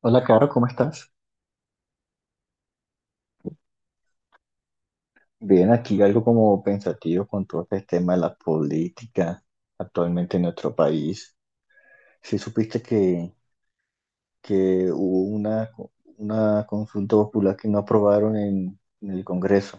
Hola, Caro, ¿cómo estás? Bien, aquí algo como pensativo con todo este tema de la política actualmente en nuestro país. Si supiste que hubo una consulta popular que no aprobaron en el Congreso.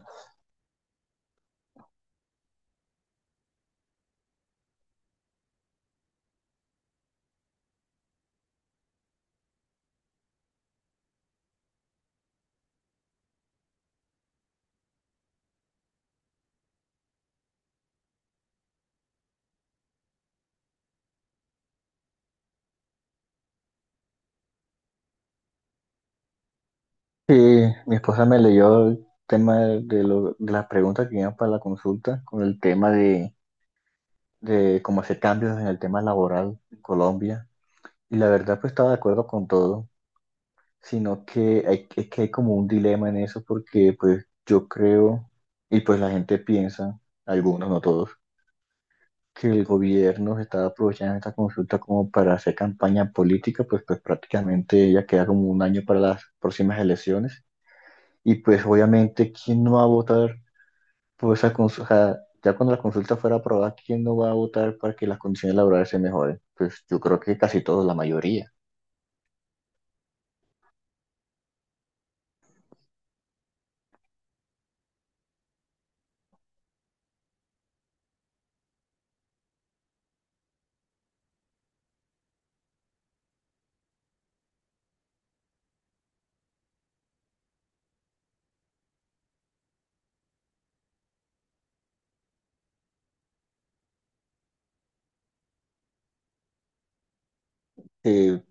Sí, mi esposa me leyó el tema de las preguntas que iban para la consulta con el tema de cómo hacer cambios en el tema laboral en Colombia. Y la verdad, pues estaba de acuerdo con todo, sino que hay, es que hay como un dilema en eso porque pues yo creo, y pues la gente piensa, algunos, no todos, que el gobierno se está aprovechando esta consulta como para hacer campaña política, pues prácticamente ya queda como un año para las próximas elecciones. Y pues obviamente, ¿quién no va a votar por esa consulta? Ya cuando la consulta fuera aprobada, ¿quién no va a votar para que las condiciones laborales se mejoren? Pues yo creo que casi todos, la mayoría. Eh,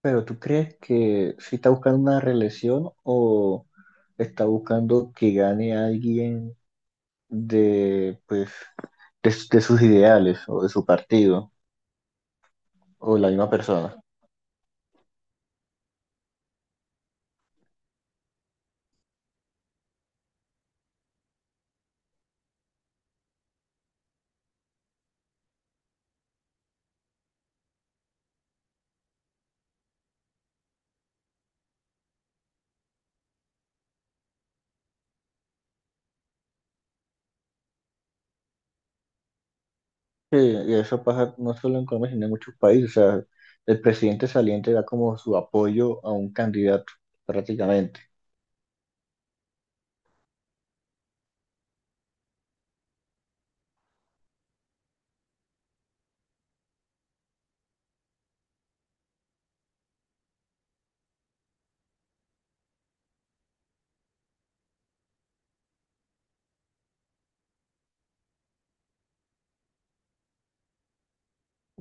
Pero ¿tú crees que si está buscando una reelección o está buscando que gane alguien de, pues, de sus ideales o de su partido o la misma persona? Sí, y eso pasa no solo en Colombia, sino en muchos países. O sea, el presidente saliente da como su apoyo a un candidato, prácticamente.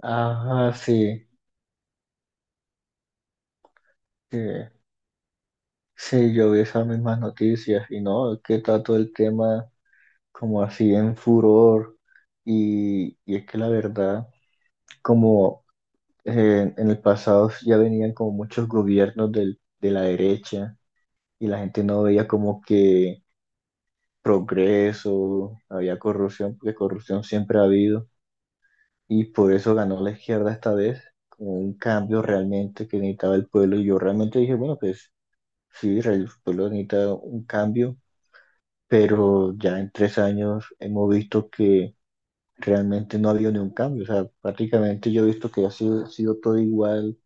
Ajá, sí, sí, sí, yo vi esas mismas noticias y no, es que está todo el tema como así en furor. Y es que la verdad, como en el pasado ya venían como muchos gobiernos del- de la derecha y la gente no veía como que progreso, había corrupción, porque corrupción siempre ha habido. Y por eso ganó la izquierda esta vez, como un cambio realmente que necesitaba el pueblo. Y yo realmente dije, bueno, pues sí, el pueblo necesita un cambio, pero ya en 3 años hemos visto que realmente no ha habido ningún cambio. O sea, prácticamente yo he visto que ha sido todo igual.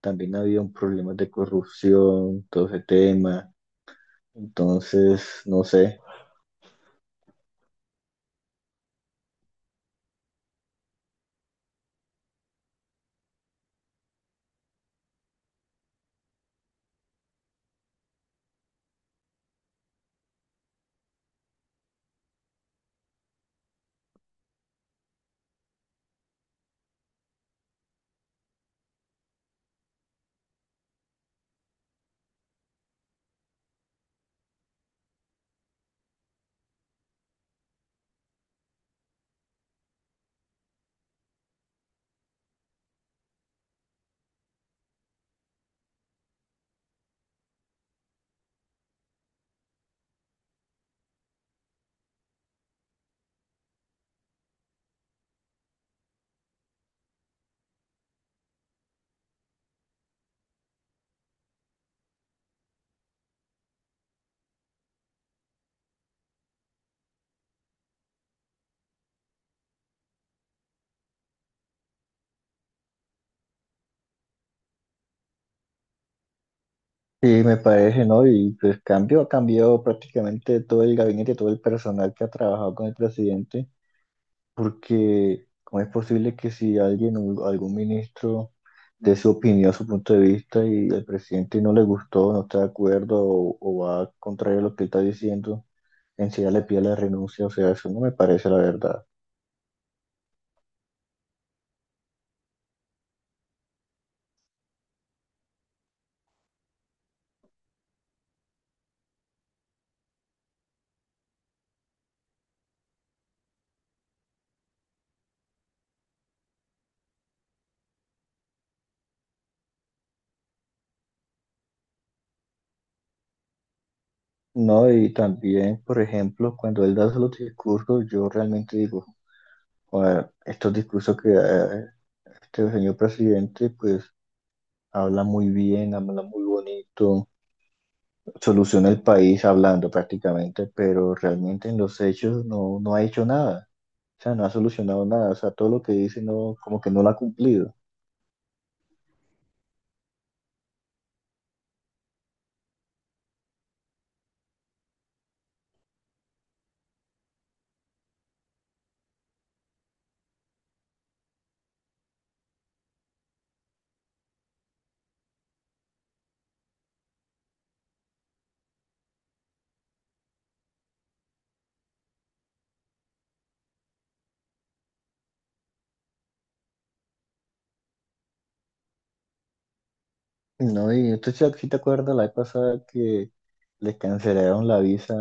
También ha habido problemas de corrupción, todo ese tema. Entonces, no sé. Sí, me parece, ¿no? Y pues cambio, ha cambiado prácticamente todo el gabinete, todo el personal que ha trabajado con el presidente, porque ¿cómo es posible que si alguien, o algún ministro, dé su opinión, su punto de vista y al presidente no le gustó, no está de acuerdo o va contrario a lo que él está diciendo, encima le pide la renuncia? O sea, eso no me parece, la verdad. No, y también, por ejemplo, cuando él da los discursos, yo realmente digo: "Joder, estos discursos que da este señor presidente, pues habla muy bien, habla muy bonito, soluciona el país hablando prácticamente, pero realmente en los hechos no, no ha hecho nada, o sea, no ha solucionado nada, o sea, todo lo que dice no, como que no lo ha cumplido". No, y entonces si te acuerdas la vez pasada que les cancelaron la visa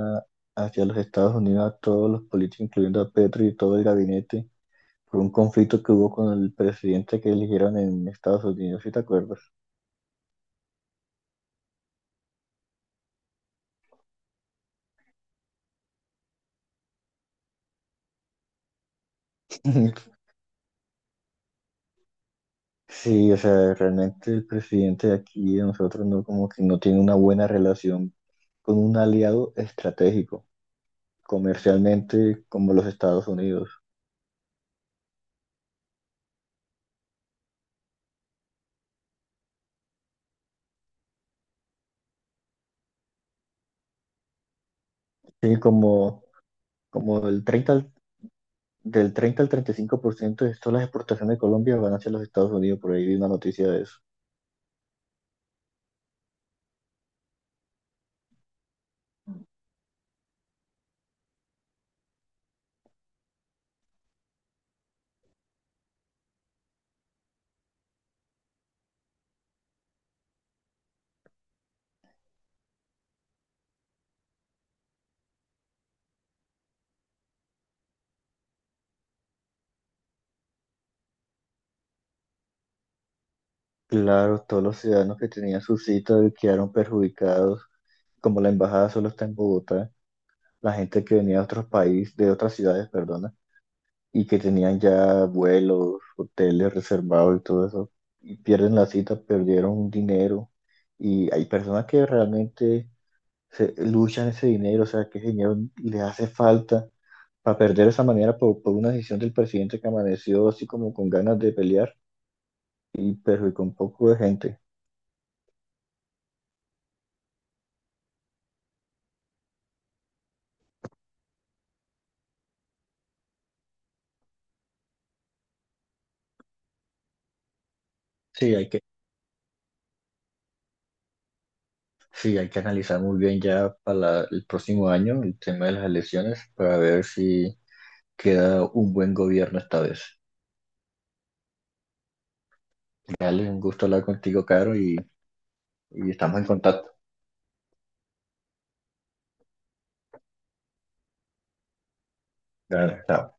hacia los Estados Unidos a todos los políticos, incluyendo a Petro y todo el gabinete, por un conflicto que hubo con el presidente que eligieron en Estados Unidos, si te acuerdas. Sí, o sea, realmente el presidente de aquí de nosotros no, como que no tiene una buena relación con un aliado estratégico, comercialmente, como los Estados Unidos. Sí, como el del 30 al 35% de todas las exportaciones de Colombia van hacia los Estados Unidos, por ahí vi una noticia de eso. Claro, todos los ciudadanos que tenían su cita quedaron perjudicados, como la embajada solo está en Bogotá, la gente que venía de otros países, de otras ciudades, perdona, y que tenían ya vuelos, hoteles reservados y todo eso, y pierden la cita, perdieron dinero, y hay personas que realmente se, luchan ese dinero, o sea, que ese dinero les hace falta para perder de esa manera por una decisión del presidente que amaneció así como con ganas de pelear y perjudicó un poco de gente. Sí, hay que Sí, hay que analizar muy bien ya para la- el próximo año el tema de las elecciones para ver si queda un buen gobierno esta vez. Dale, un gusto hablar contigo, Caro, y estamos en contacto. Dale, chao.